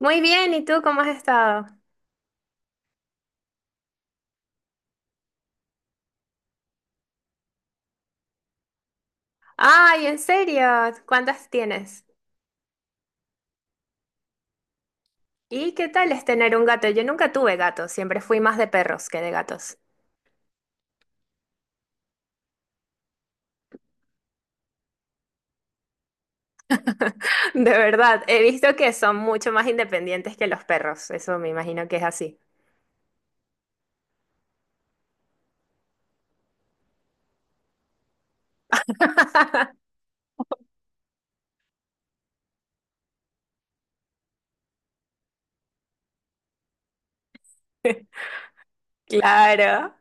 Muy bien, ¿y tú cómo has estado? Ay, en serio, ¿cuántas tienes? ¿Y qué tal es tener un gato? Yo nunca tuve gatos, siempre fui más de perros que de gatos. De verdad, he visto que son mucho más independientes que los perros, eso me imagino que es así. Claro.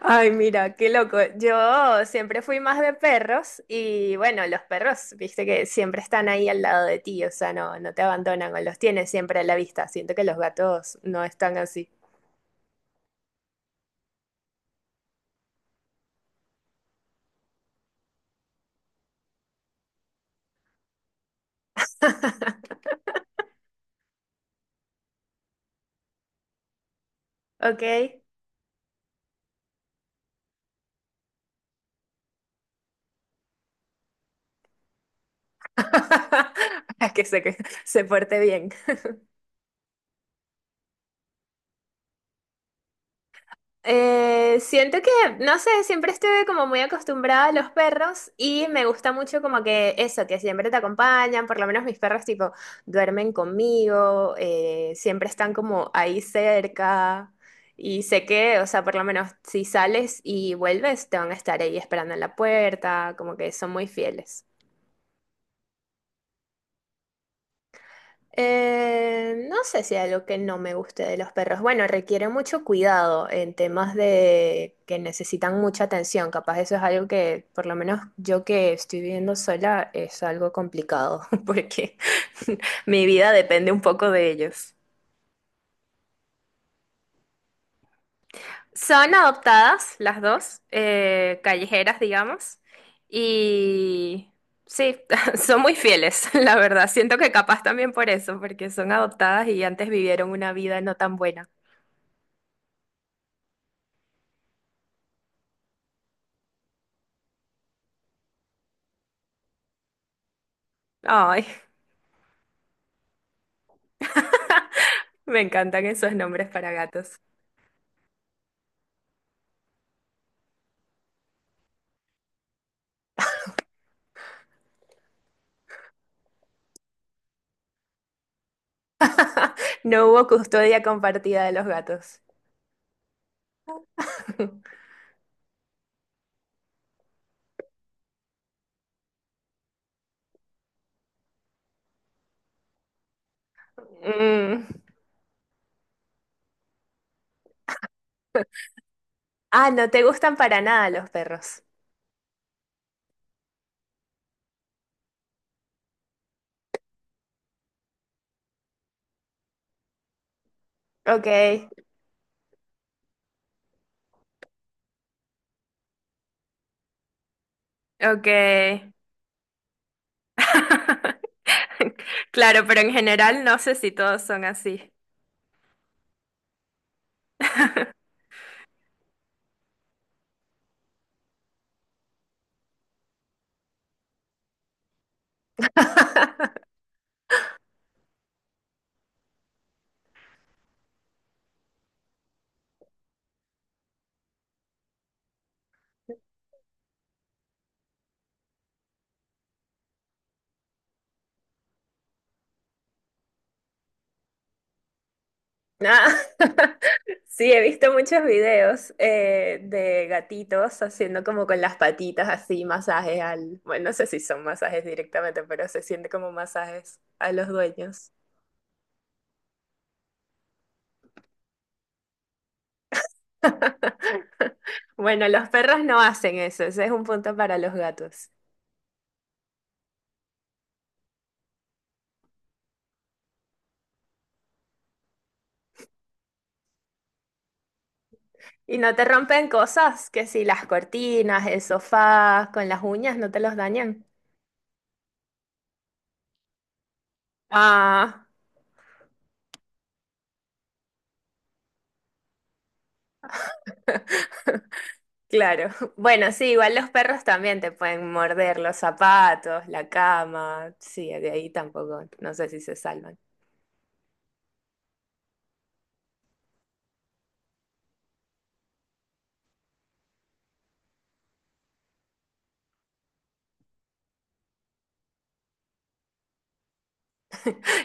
Ay, mira, qué loco. Yo siempre fui más de perros y bueno, los perros, viste que siempre están ahí al lado de ti, o sea, no te abandonan o los tienes siempre a la vista. Siento que los gatos no están así. Ok. Para que que se porte bien. Siento que, no sé, siempre estuve como muy acostumbrada a los perros y me gusta mucho como que eso, que siempre te acompañan, por lo menos mis perros tipo duermen conmigo, siempre están como ahí cerca y sé que, o sea, por lo menos si sales y vuelves, te van a estar ahí esperando en la puerta, como que son muy fieles. No sé si hay algo que no me guste de los perros. Bueno, requiere mucho cuidado en temas de que necesitan mucha atención. Capaz eso es algo que, por lo menos yo que estoy viviendo sola, es algo complicado porque mi vida depende un poco de ellos. Son adoptadas las dos, callejeras, digamos, y sí, son muy fieles, la verdad. Siento que capaz también por eso, porque son adoptadas y antes vivieron una vida no tan buena. Ay, me encantan esos nombres para gatos. No hubo custodia compartida de los gatos. Mm. Ah, no te gustan para nada los perros. Ok, ok. Claro, pero en general no sé si todos son así. Ah, sí, he visto muchos videos de gatitos haciendo como con las patitas así masajes al... Bueno, no sé si son masajes directamente, pero se siente como masajes a los dueños. Bueno, los perros no hacen eso, ese es un punto para los gatos. Y no te rompen cosas, que si las cortinas, el sofá, con las uñas no te los dañan. Ah, claro. Bueno, sí, igual los perros también te pueden morder los zapatos, la cama. Sí, de ahí tampoco, no sé si se salvan.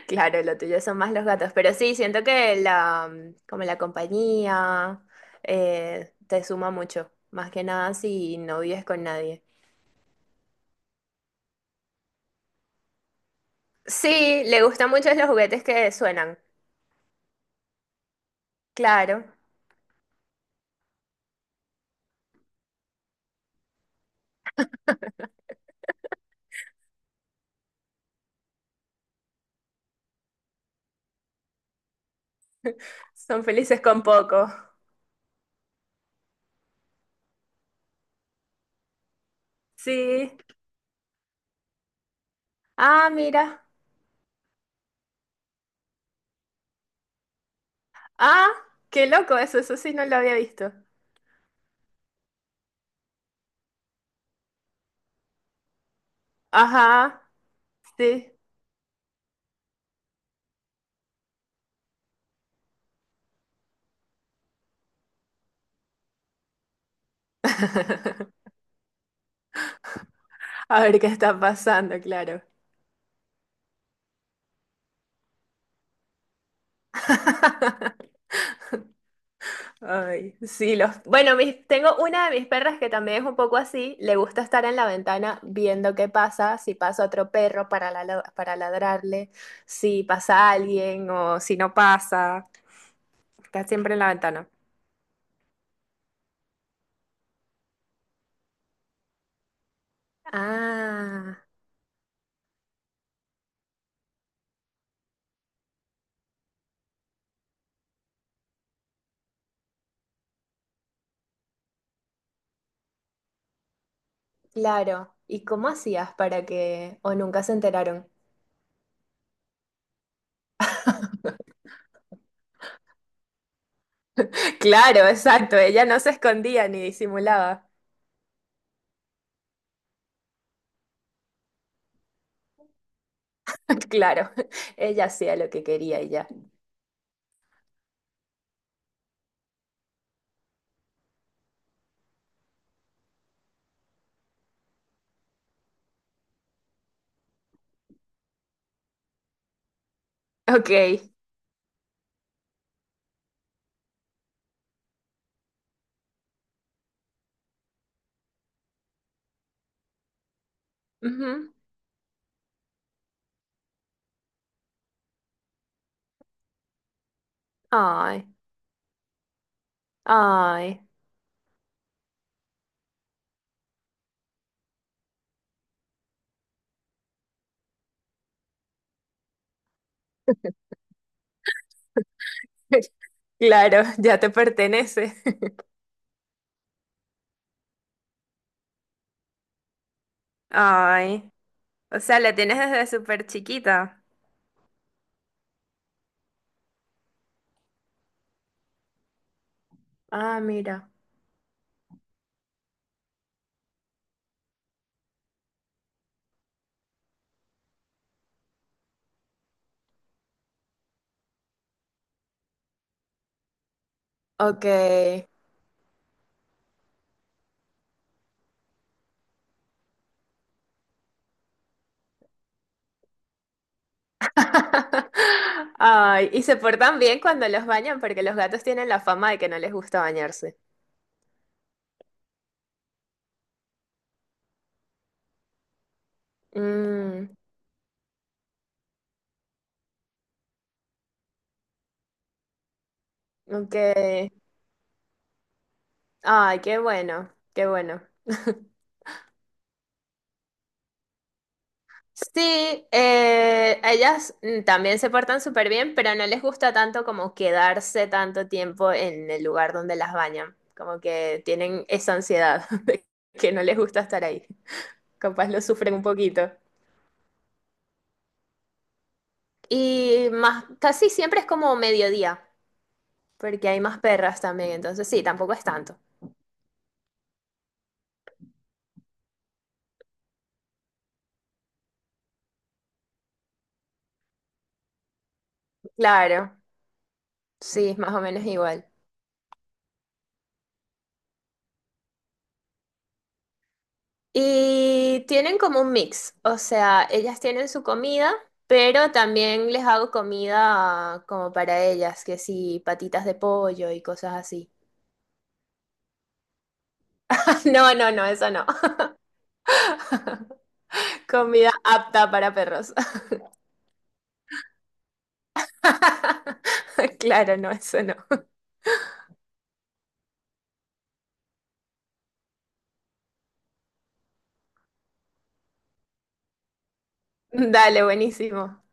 Claro, lo tuyo son más los gatos, pero sí, siento que la, mm, como la compañía te suma mucho, más que nada si no vives con nadie. Sí, le gustan mucho los juguetes que suenan. Claro, son felices con poco. Sí. Ah, mira. Ah, qué loco eso, eso sí no lo había visto. Ajá, sí. A ver qué está pasando, claro. Ay, sí, los... Bueno, tengo una de mis perras que también es un poco así, le gusta estar en la ventana viendo qué pasa, si pasa otro perro para, para ladrarle, si pasa alguien o si no pasa, está siempre en la ventana. Ah, claro. ¿Y cómo hacías para que... o nunca se enteraron? Claro, exacto. Ella no se escondía ni disimulaba. Claro, ella hacía lo que quería y ya. Ok. Ujú. Ay, ay. Claro, ya te pertenece. Ay, o sea, la tienes desde súper chiquita. Ah, mira. Ok. Ay, y se portan bien cuando los bañan porque los gatos tienen la fama de que no les gusta bañarse. Mm, ok. Ay, qué bueno, qué bueno. Sí, ellas mm, también se portan súper bien, pero no les gusta tanto como quedarse tanto tiempo en el lugar donde las bañan. Como que tienen esa ansiedad de que no les gusta estar ahí. Capaz lo sufren un poquito. Y más, casi siempre es como mediodía, porque hay más perras también, entonces sí, tampoco es tanto. Claro, sí, es más o menos igual. Y tienen como un mix, o sea, ellas tienen su comida, pero también les hago comida como para ellas, que sí, patitas de pollo y cosas así. No, no, no, eso no. Comida apta para perros. Claro, no, eso no. Dale, buenísimo.